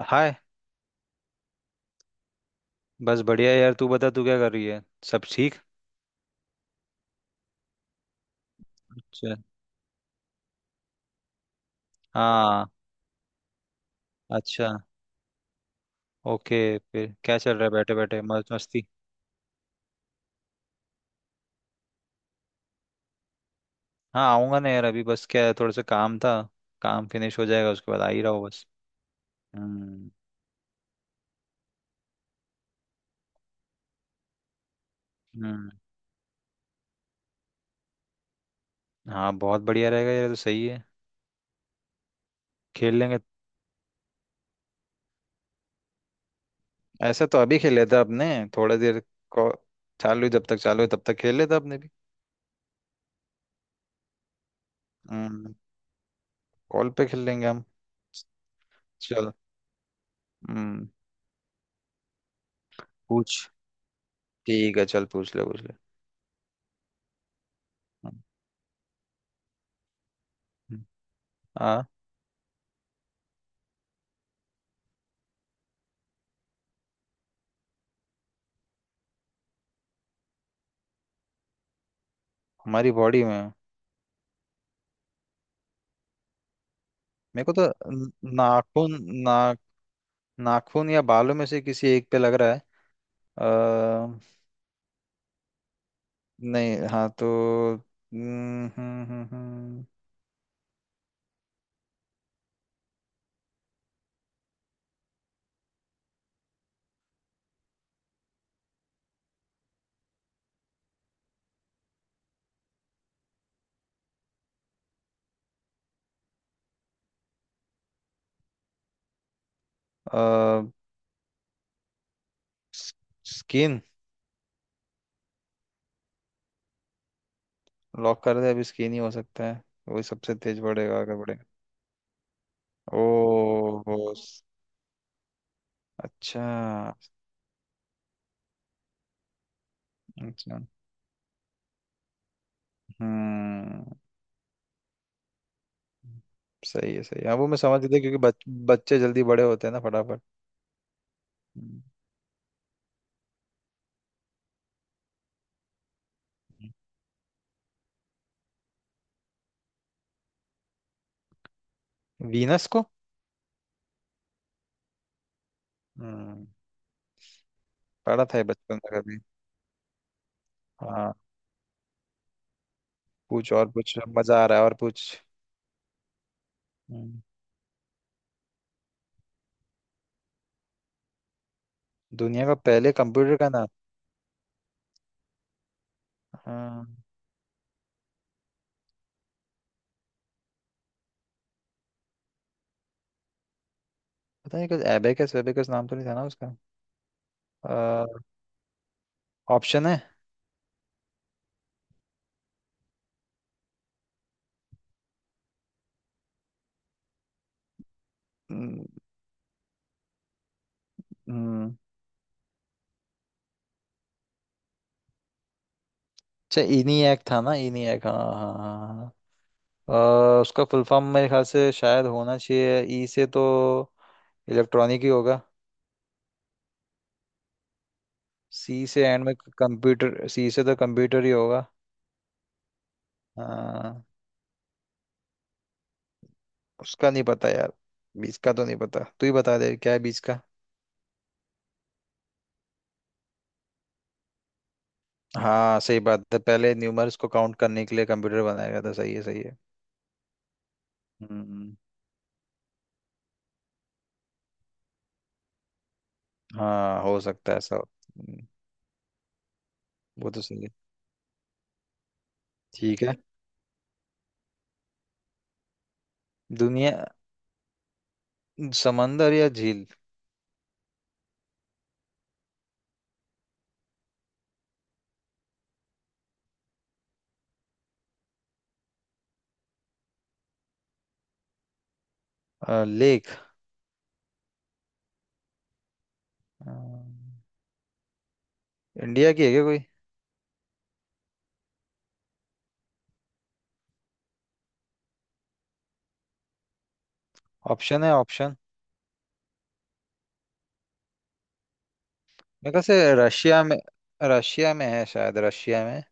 हाय। बस बढ़िया यार, तू बता तू क्या कर रही है। सब ठीक। अच्छा। हाँ। अच्छा। ओके, फिर क्या चल रहा है, बैठे बैठे मौज मस्ती। हाँ आऊंगा ना यार, अभी बस क्या है, थोड़ा सा काम था। काम फिनिश हो जाएगा उसके बाद आ ही रहा हूँ बस। हम्म। हम्म। हाँ बहुत बढ़िया रहेगा यार, ये तो सही है। खेल लेंगे। ऐसा तो अभी खेल लेता अपने, थोड़ा देर को चालू है, जब तक चालू है तब तक खेल लेता अपने भी। हम्म। कॉल पे खेल लेंगे हम। चल। हम्म। पूछ। ठीक है, चल पूछ ले पूछ ले। हम्म, हाँ। हमारी बॉडी में। मेरे को तो नाखून ना। नाखून या बालों में से किसी एक पे लग रहा है। अ, नहीं। हाँ तो हम्म, हम्म, हम्म, हम्म, अ, स- स्किन। लॉक कर दे, अभी स्किन ही हो सकता है। वही सबसे तेज बढ़ेगा, आगे बढ़ेगा। ओ हो, अच्छा अच्छा। हम्म। सही है सही है, हाँ वो मैं समझ गया क्योंकि बच्चे जल्दी बड़े होते हैं ना फटाफट। हम्म, हम्म। वीनस को। हम्म। पढ़ा था ये बचपन में कभी। हाँ पूछ और पूछ, मजा आ रहा है और पूछ। हम्म, दुनिया का पहले कंप्यूटर का नाम। हाँ। पता नहीं कुछ एबेकस वेबेकस नाम तो नहीं था ना उसका। ऑप्शन है। हम्म। हम्म, अच्छा ENIAC था ना, ENIAC। हाँ हाँ हाँ हाँ। उसका फुल फॉर्म मेरे ख्याल से शायद होना चाहिए, ई से तो इलेक्ट्रॉनिक ही होगा। सी से एंड में कंप्यूटर, सी से तो कंप्यूटर ही होगा। हाँ। उसका नहीं पता यार, बीच का तो नहीं पता, तू ही बता दे क्या है बीच का। हाँ सही बात है, पहले न्यूमर्स को काउंट करने के लिए कंप्यूटर बनाया गया था, सही है सही है। हम्म। हाँ हो सकता है ऐसा। वो तो सही है। ठीक है। दुनिया। समंदर या झील। लेक। अ, इंडिया की है क्या कोई। ऑप्शन है ऑप्शन। मेरे ख्याल से रशिया में। रशिया में है शायद, रशिया में।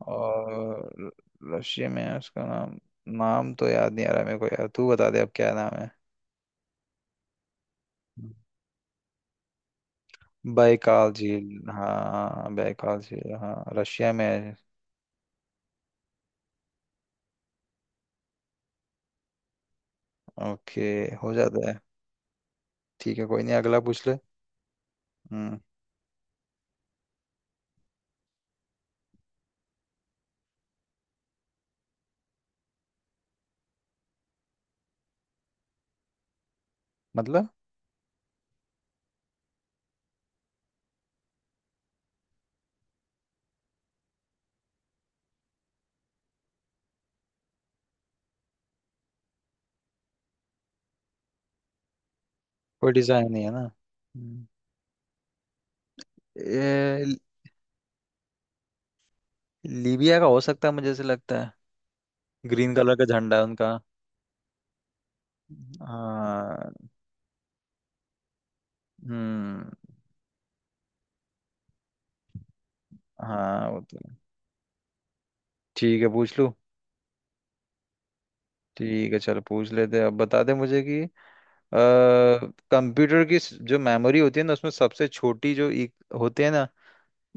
और रशिया में है। उसका नाम, नाम तो याद नहीं आ रहा मेरे को यार, तू बता दे अब क्या नाम है। बैकाल झील, हाँ बैकाल झील, हाँ रशिया में है। ओके। हो जाता है। ठीक है कोई नहीं, अगला पूछ ले। हम्म। मतलब कोई डिजाइन नहीं है ना। हम्म, ए, लीबिया का हो सकता है, मुझे ऐसे लगता है। ग्रीन कलर का झंडा है उनका। हाँ। हम्म। हाँ वो तो है। ठीक है पूछ लूँ। ठीक है चलो पूछ लेते हैं। अब बता दे मुझे कि कंप्यूटर की जो मेमोरी होती है ना उसमें सबसे छोटी जो होते हैं ना,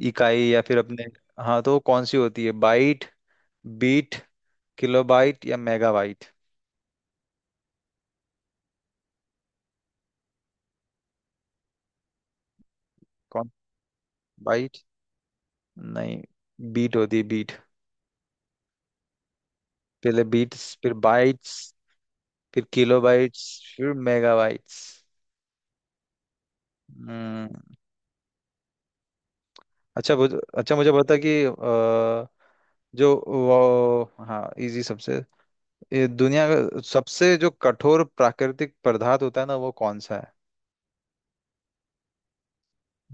इकाई या फिर अपने, हाँ तो वो कौन सी होती है, बाइट, बीट, किलोबाइट या मेगाबाइट। कौन। बाइट नहीं, बीट होती है बीट। पहले बीट्स, फिर बाइट्स, फिर किलो बाइट्स, फिर मेगा बाइट्स। हम्म। अच्छा अच्छा मुझे बता कि जो वो, हाँ इजी सबसे, ये दुनिया का सबसे जो कठोर प्राकृतिक पदार्थ होता है ना, वो कौन सा है।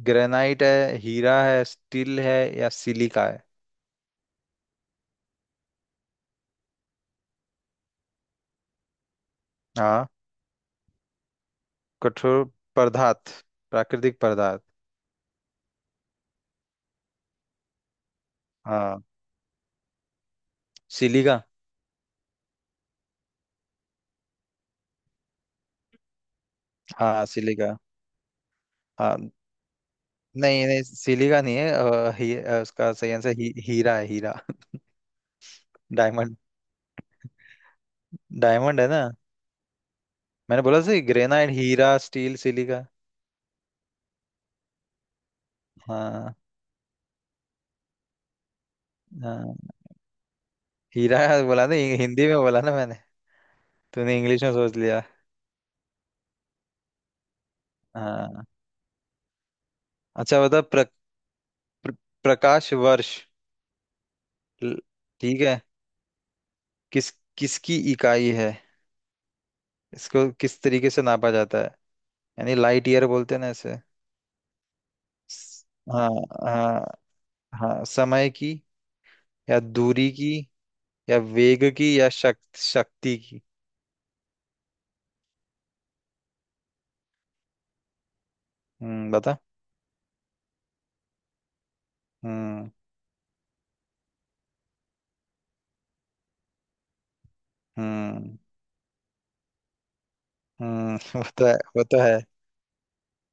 ग्रेनाइट है, हीरा है, स्टील है, या सिलिका है। हाँ। कठोर पदार्थ, प्राकृतिक पदार्थ। हाँ सिलिका। हाँ सिलिका। हाँ। नहीं नहीं, सिली का नहीं है, उसका सही आंसर हीरा है हीरा। डायमंड। डायमंड है ना। मैंने बोला सही, ग्रेनाइट हीरा स्टील सिलिका। हाँ। हाँ हीरा। बोला ना, हिंदी में बोला ना मैंने। तूने इंग्लिश में सोच लिया। हाँ। अच्छा बता, प्र, प्र, प्रकाश वर्ष। ल- ठीक है, किस, किसकी इकाई है, इसको किस तरीके से नापा जाता है, यानी लाइट ईयर बोलते हैं ना इसे। स- हाँ। हाँ। हाँ समय की या दूरी की या वेग की या शक्ति शक्ति की। बता। हम्म। हम्म। हम्म। वो तो है वो तो है।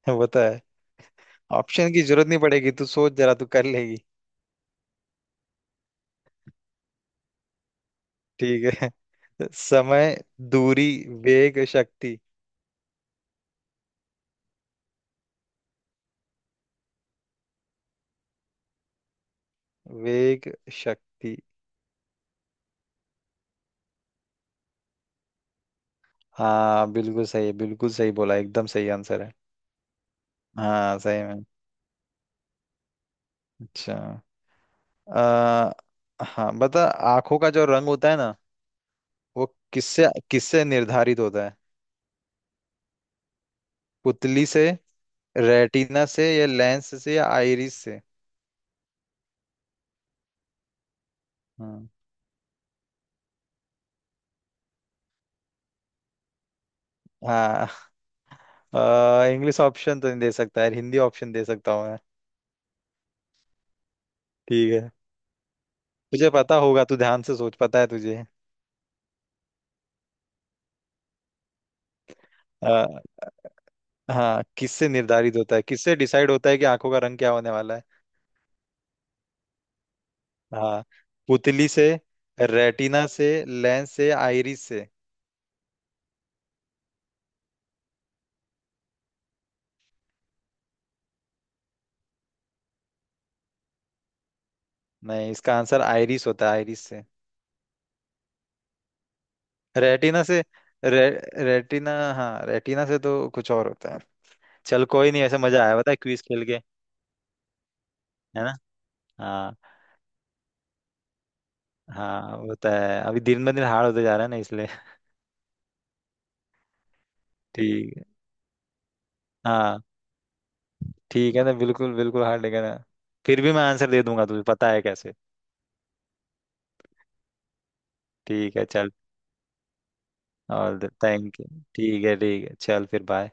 वो तो है। ऑप्शन की जरूरत नहीं पड़ेगी, तू सोच जरा, तू कर लेगी। ठीक है। समय, दूरी, वेग, शक्ति। वेग शक्ति। हाँ बिल्कुल सही है, बिल्कुल सही बोला, एकदम सही आंसर है। हाँ सही में। अच्छा। आ, हाँ बता। आंखों का जो रंग होता है ना, वो किससे, किससे निर्धारित होता है। पुतली से, रेटिना से, या लेंस से, या आइरिस से। हम्म। हाँ इंग्लिश ऑप्शन तो नहीं दे सकता यार, हिंदी ऑप्शन दे सकता हूँ मैं। ठीक है। तुझे पता होगा, तू ध्यान से सोच, पता है तुझे। आ, हाँ, किससे निर्धारित होता है, किससे डिसाइड होता है कि आंखों का रंग क्या होने वाला है। हाँ पुतली से, रेटिना से, लेंस से, आइरिस से। नहीं, इसका आंसर आइरिस होता है, आइरिस से। रेटिना से, रे, रेटिना, हाँ रेटिना से तो कुछ और होता है। चल कोई नहीं, ऐसे मजा आया बता क्विज खेल के। है ना। हाँ। हाँ वो तो है, अभी दिन ब दिन हार्ड होते जा रहा है ना इसलिए। ठीक है। हाँ ठीक है ना, बिल्कुल बिल्कुल हार्ड लेगा ना, फिर भी मैं आंसर दे दूंगा, तुझे पता है कैसे। ठीक है चल। और थैंक यू। ठीक है चल, फिर बाय।